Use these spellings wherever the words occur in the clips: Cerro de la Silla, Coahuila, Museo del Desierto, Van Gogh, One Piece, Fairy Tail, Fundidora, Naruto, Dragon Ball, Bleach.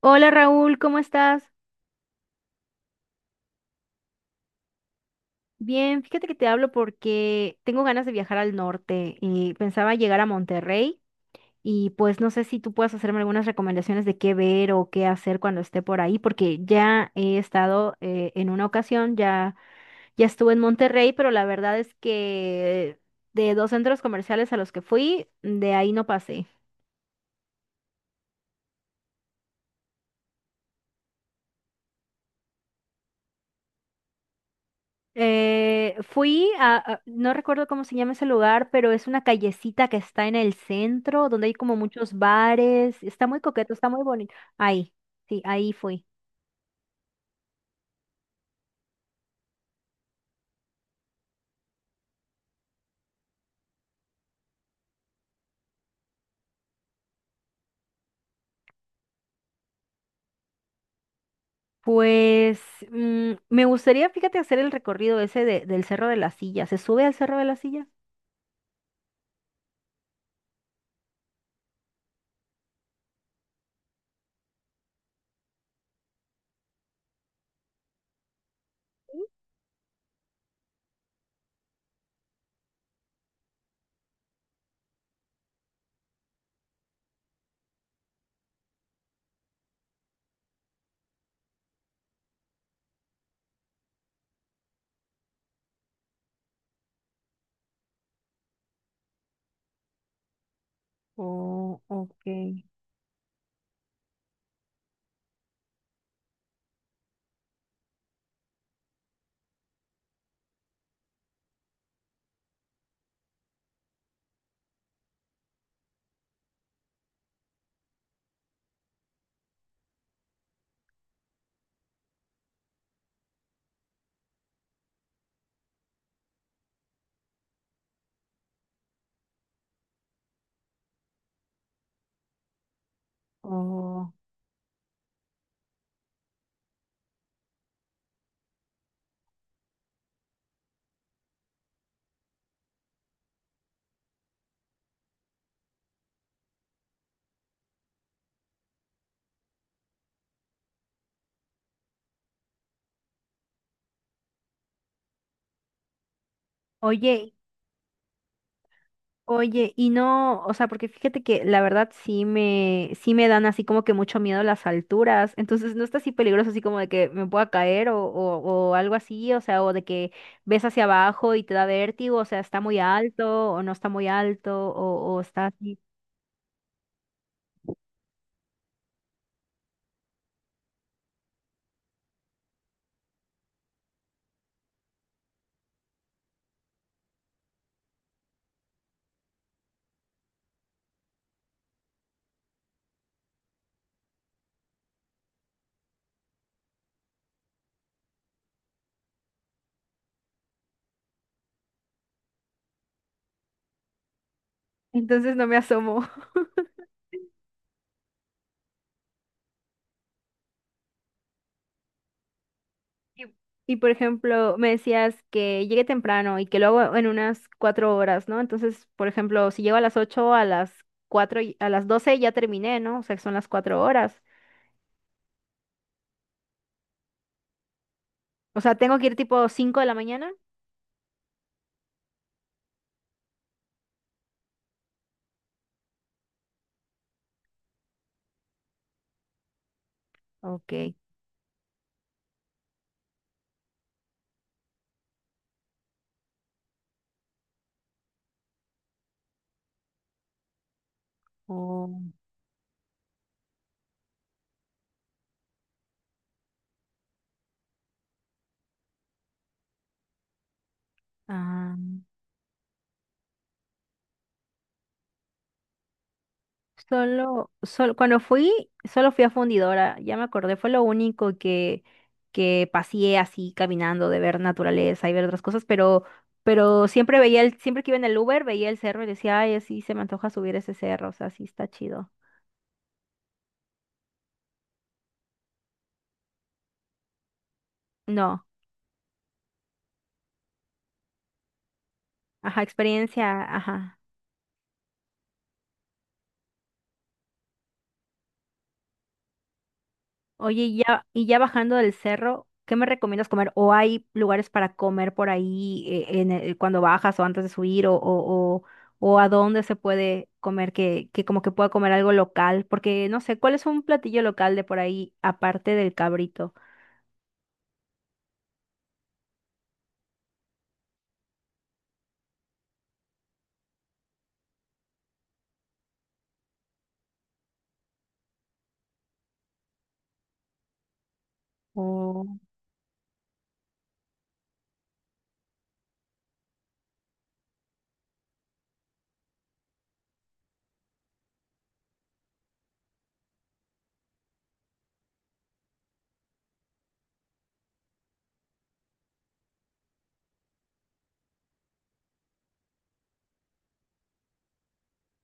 Hola Raúl, ¿cómo estás? Bien, fíjate que te hablo porque tengo ganas de viajar al norte y pensaba llegar a Monterrey y pues no sé si tú puedes hacerme algunas recomendaciones de qué ver o qué hacer cuando esté por ahí, porque ya he estado en una ocasión, ya, ya estuve en Monterrey, pero la verdad es que de dos centros comerciales a los que fui, de ahí no pasé. Fui no recuerdo cómo se llama ese lugar, pero es una callecita que está en el centro, donde hay como muchos bares. Está muy coqueto, está muy bonito. Ahí, sí, ahí fui. Pues me gustaría, fíjate, hacer el recorrido ese del Cerro de la Silla. ¿Se sube al Cerro de la Silla? Oh, ok. Oh. Oye, Oye, y no, o sea, porque fíjate que la verdad sí me dan así como que mucho miedo las alturas, entonces no está así peligroso así como de que me pueda caer o algo así, o sea, o de que ves hacia abajo y te da vértigo, o sea, está muy alto o no está muy alto o está así. Entonces no me asomo. Y, y, por ejemplo, me decías que llegue temprano y que lo hago en unas 4 horas, ¿no? Entonces, por ejemplo, si llego a las 8, a las 4, a las 12 ya terminé, ¿no? O sea, que son las 4 horas. O sea, tengo que ir tipo 5 de la mañana. Ok. Oh, ah, cuando fui, solo fui a Fundidora, ya me acordé, fue lo único que paseé así caminando, de ver naturaleza y ver otras cosas, pero siempre que iba en el Uber, veía el cerro y decía, ay, así se me antoja subir ese cerro, o sea, sí está chido. No, ajá, experiencia, ajá. Oye, y ya bajando del cerro, ¿qué me recomiendas comer? ¿O hay lugares para comer por ahí en cuando bajas o antes de subir? O, o a dónde se puede comer que como que pueda comer algo local? Porque no sé, ¿cuál es un platillo local de por ahí aparte del cabrito? Oh,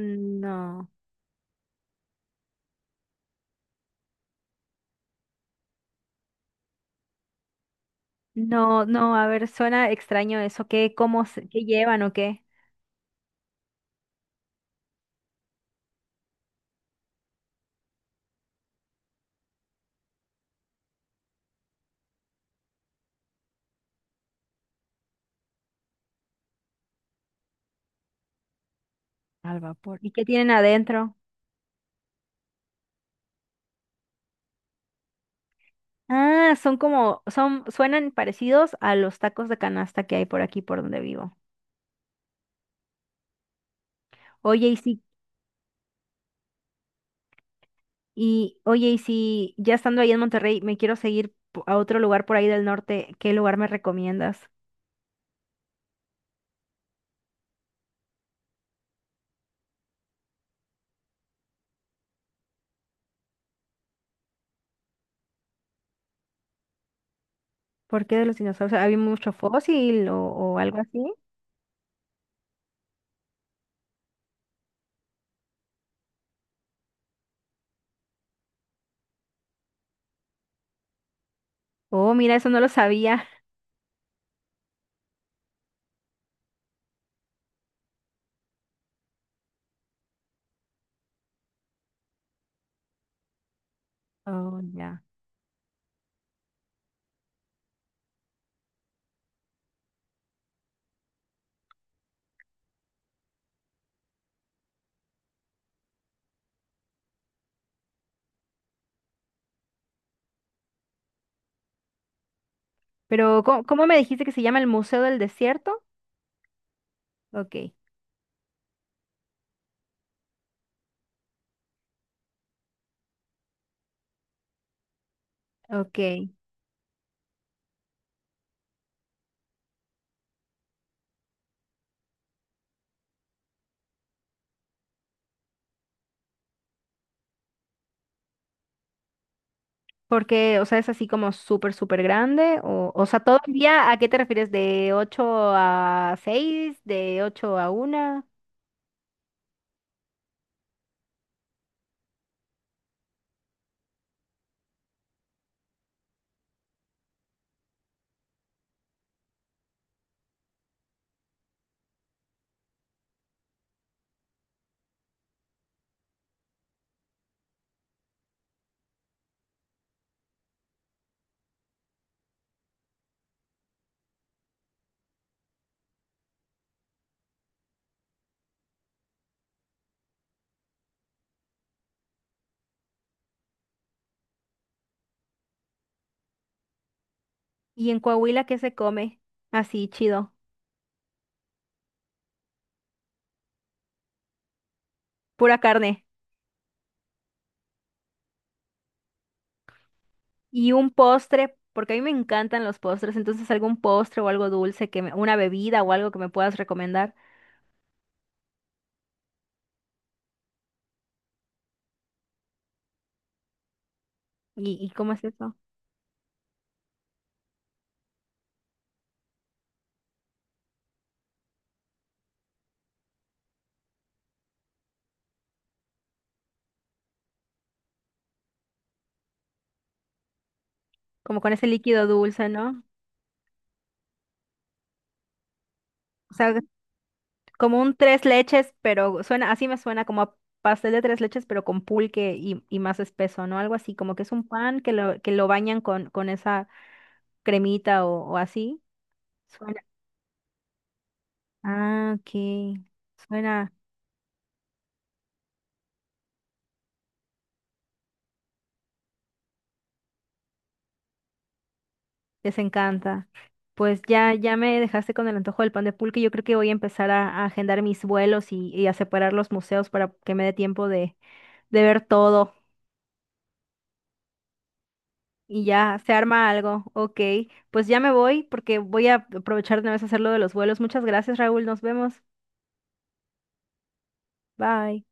no. No, no, a ver, suena extraño eso. ¿Qué, cómo, qué llevan o qué? Al vapor. ¿Y qué tienen adentro? Ah, son como, son, suenan parecidos a los tacos de canasta que hay por aquí por donde vivo. Oye, y si, oye, y si ya estando ahí en Monterrey, me quiero seguir a otro lugar por ahí del norte, ¿qué lugar me recomiendas? ¿Por qué de los dinosaurios? ¿Había mucho fósil o algo así? Oh, mira, eso no lo sabía. Oh, ya. Pero, ¿cómo, cómo me dijiste que se llama el Museo del Desierto? Ok, ok. Porque, o sea, es así como súper, súper grande. O sea, todo el día, ¿a qué te refieres? ¿De 8 a 6, ¿De 8 a 1? ¿Y en Coahuila qué se come? Así, chido. Pura carne. Y un postre, porque a mí me encantan los postres. Entonces, algún postre o algo dulce, una bebida o algo que me puedas recomendar. Y cómo es eso? Como con ese líquido dulce, ¿no? O sea, como un tres leches, pero suena, así me suena como a pastel de tres leches, pero con pulque y más espeso, ¿no? Algo así, como que es un pan que lo, bañan con esa cremita o así. Suena. Ah, ok. Suena, les encanta. Pues ya, ya me dejaste con el antojo del pan de pulque. Yo creo que voy a empezar a agendar mis vuelos y a separar los museos para que me dé tiempo de ver todo. Y ya, se arma algo. Ok, pues ya me voy porque voy a aprovechar de una vez a hacer lo de los vuelos. Muchas gracias, Raúl. Nos vemos. Bye.